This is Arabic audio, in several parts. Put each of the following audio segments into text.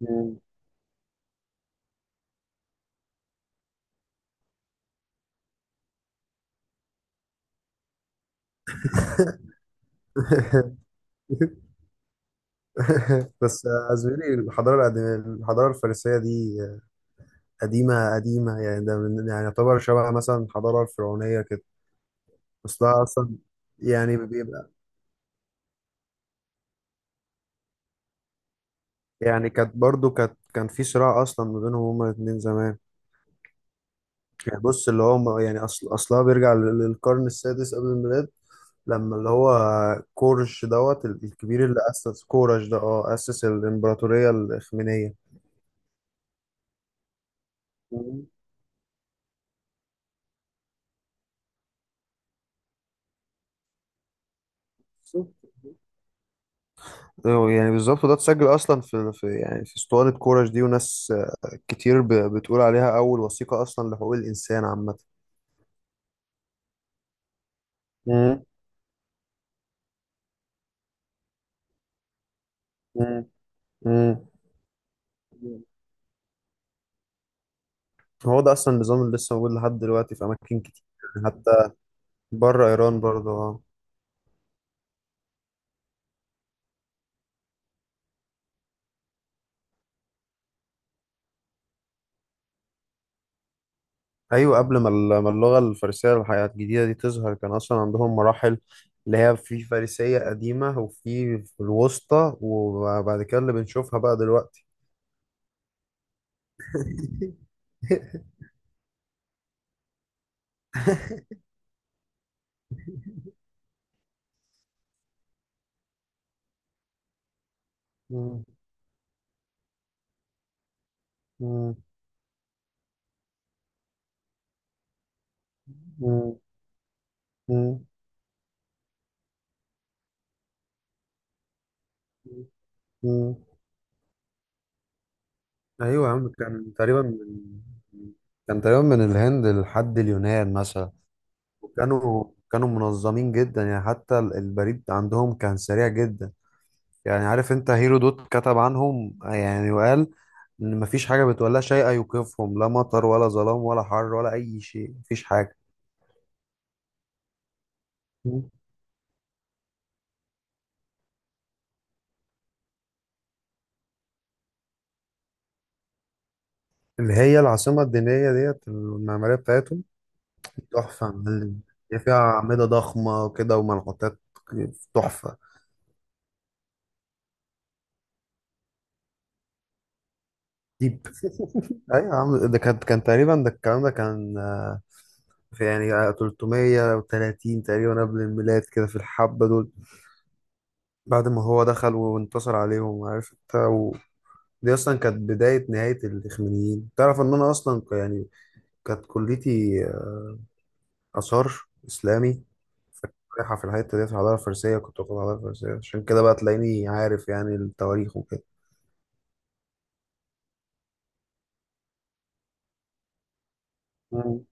مم. بس زميلي الحضارة القديمة. الحضارة الفارسية دي قديمة قديمة، يعني ده من يعني يعتبر شبه مثلا الحضارة الفرعونية كده. أصلها أصلا يعني بيبقى يعني كانت برضو كانت كان في صراع أصلا ما بينهم هما الاتنين زمان. يعني بص اللي هو يعني أصلها بيرجع للقرن السادس قبل الميلاد، لما اللي هو كورش دوت الكبير اللي أسس كورش ده أسس الإمبراطورية الإخمينية. مم. يعني بالظبط ده اتسجل اصلا في يعني في اسطوانه كورش دي، وناس كتير بتقول عليها اول وثيقه اصلا لحقوق الانسان عامه. مم. مم. مم. هو ده اصلا النظام اللي لسه موجود لحد دلوقتي في اماكن كتير. يعني حتى بره ايران برضه آه. ايوه، قبل ما ما اللغه الفارسيه الحياه الجديده دي تظهر كان اصلا عندهم مراحل، اللي هي في فارسيه قديمه وفي الوسطى، وبعد كده اللي بنشوفها بقى دلوقتي. مم. مم. مم. مم. ايوه يا عم، كان تقريبا من الهند لحد اليونان مثلا. وكانوا منظمين جدا، يعني حتى البريد عندهم كان سريع جدا. يعني عارف انت هيرودوت كتب عنهم يعني وقال ان مفيش حاجه بتولى شيء يوقفهم، لا مطر ولا ظلام ولا حر ولا اي شيء، مفيش حاجه. مم. اللي هي العاصمه الدينيه ديت المعماريه بتاعتهم. تحفه يا معلم، هي فيها اعمده ضخمه كده ومنحوتات. تحفه. دي ايوه يا عم، ده كان تقريبا، ده الكلام ده كان في يعني 330 تقريبا قبل الميلاد كده في الحبة دول. بعد ما هو دخل وانتصر عليهم عارف انت دي اصلا كانت بداية نهاية الاخمينيين. تعرف ان انا اصلا يعني كانت كليتي آثار إسلامي، فكنت رايحة في الحتة ديت في الحضارة الفارسية، كنت واخد حضارة فارسية، عشان كده بقى تلاقيني عارف يعني التواريخ وكده. مم.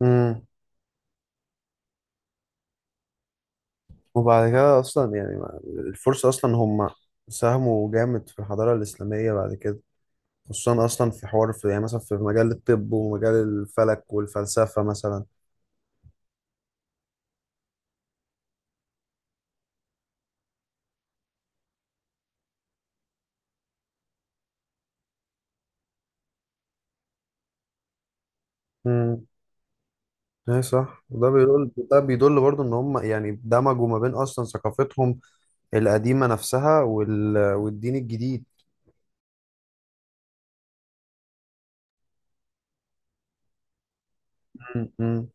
مم. وبعد كده اصلا يعني الفرس اصلا هم ساهموا جامد في الحضاره الاسلاميه بعد كده، خصوصا اصلا في حوار في يعني مثلا في مجال الطب ومجال الفلك والفلسفه مثلا. امم اي صح، وده بيدل برضه ان هم يعني دمجوا ما بين اصلا ثقافتهم القديمه نفسها والدين الجديد. امم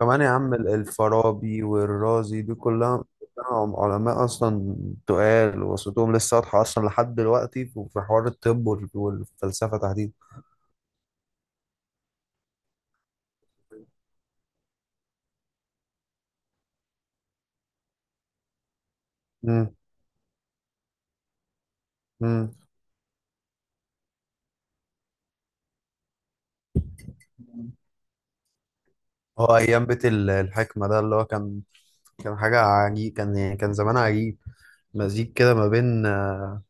كمان يا عم، الفارابي والرازي دي كلها علماء أصلا تقال، وصوتهم لسه واضحة أصلا لحد دلوقتي في حوار الطب والفلسفة تحديدا. مم. مم. هو أيام بيت الحكمة ده اللي هو كان حاجة عجيب، كان يعني كان زمان عجيب، مزيج كده ما بين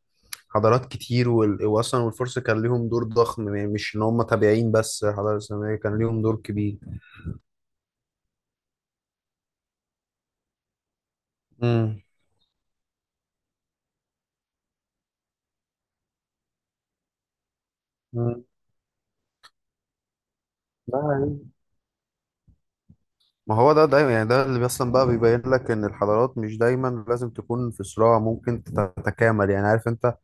حضارات كتير وأصلا والفرس كان ليهم دور ضخم، يعني مش إن هم تابعين بس، الحضارة الإسلامية كان ليهم دور كبير. مم. مم. لا، ما هو ده دايما يعني ده اللي اصلا بقى بيبين لك ان الحضارات مش دايما لازم تكون في صراع، ممكن تتكامل، يعني عارف انت.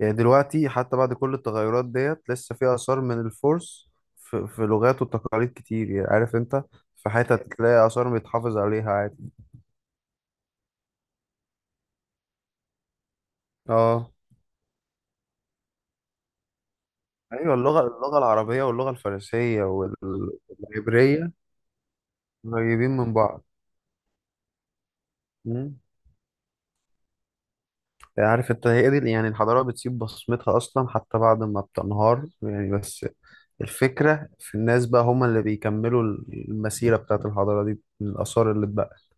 يعني دلوقتي حتى بعد كل التغيرات ديت لسه في اثار من الفرس، في لغات وتقاليد كتير، يعني عارف انت. في حتت تلاقي اثار بيتحافظ عليها عادي. اه ايوه، اللغه العربيه واللغه الفارسيه والعبريه قريبين من بعض. مم. عارف انت هي دي يعني الحضارة بتسيب بصمتها أصلا حتى بعد ما بتنهار، يعني بس الفكرة في الناس بقى، هم اللي بيكملوا المسيرة بتاعت الحضارة دي من الآثار اللي اتبقت.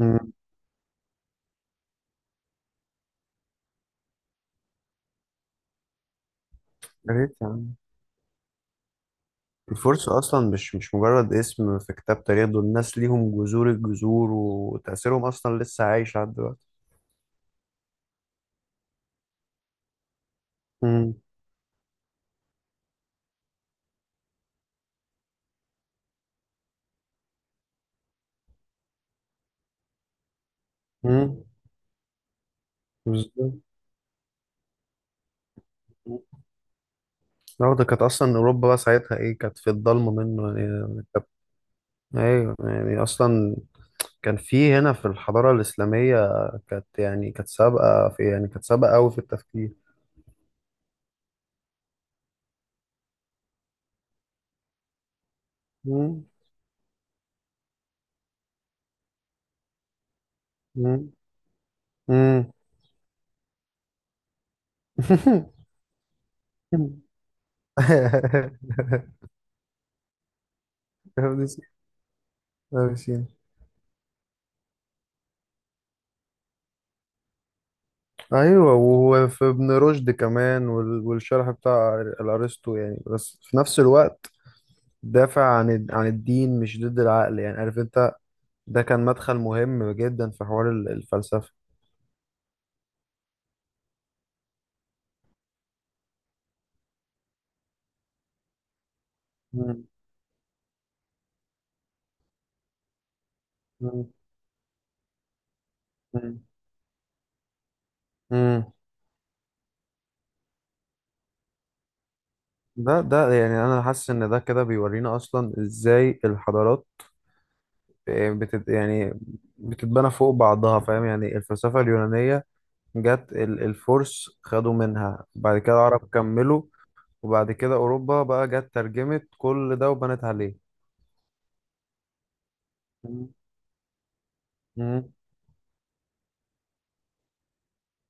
مم. يا ريت يا عم، الفرصة أصلا مش مجرد اسم في كتاب تاريخ، دول الناس ليهم جذور الجذور وتأثيرهم أصلا لسه عايش لحد دلوقتي. مم. مم. بالظبط. لا، ده كانت أصلا أوروبا بقى ساعتها إيه، كانت في الضلمة منه، يعني أيوه يعني أصلا كان في هنا في الحضارة الإسلامية، كانت يعني كانت سابقة في يعني كانت سابقة أوي في التفكير. مم. مم. مم. ابن سينا. ابن سينا. أيوة، وهو في ابن رشد كمان والشرح بتاع الأرسطو يعني، بس في نفس الوقت دافع عن عن الدين مش ضد العقل يعني عارف أنت. ده كان مدخل مهم جدا في حوار الفلسفة. مم. مم. مم. ده يعني انا حاسس ان ده كده بيورينا اصلا ازاي الحضارات يعني بتتبنى فوق بعضها فاهم. يعني الفلسفه اليونانيه جت، الفرس خدوا منها، بعد كده العرب كملوا، وبعد كده اوروبا بقى جت ترجمت كل ده وبنت عليه. مم. مم.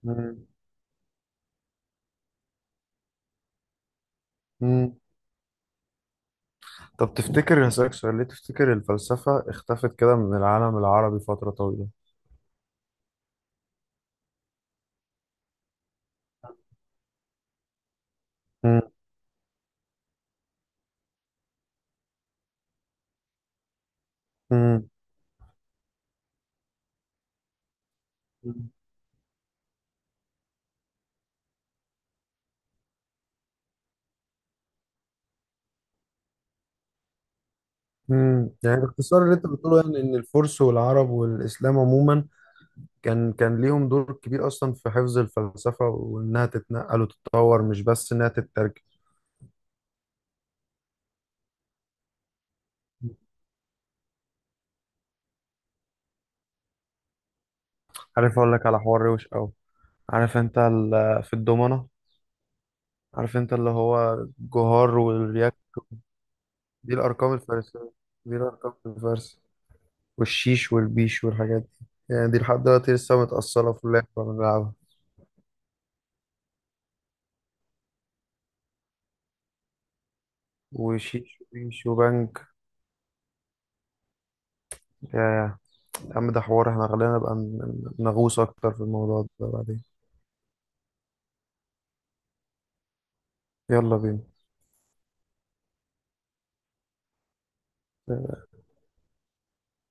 مم. مم. طب تفتكر، هسألك سؤال، ليه تفتكر الفلسفه اختفت كده من العالم العربي فتره طويله؟ مم. مم. يعني باختصار اللي انت بتقوله يعني ان الفرس والعرب والاسلام عموما كان ليهم دور كبير اصلا في حفظ الفلسفه وانها تتنقل وتتطور، مش بس انها تترجم. عارف اقول لك على حوار روش قوي. عارف انت في الضمنة، عارف انت اللي هو الجهار والرياك، دي الارقام الفارسيه دي الارقام الفارسيه، والشيش والبيش والحاجات دي يعني، دي لحد دلوقتي لسه متاصله في اللعبه بنلعبها. وشيش وبيش وبنك. يا عم ده حوار احنا خلينا نبقى نغوص اكتر في الموضوع ده بعدين. يلا بينا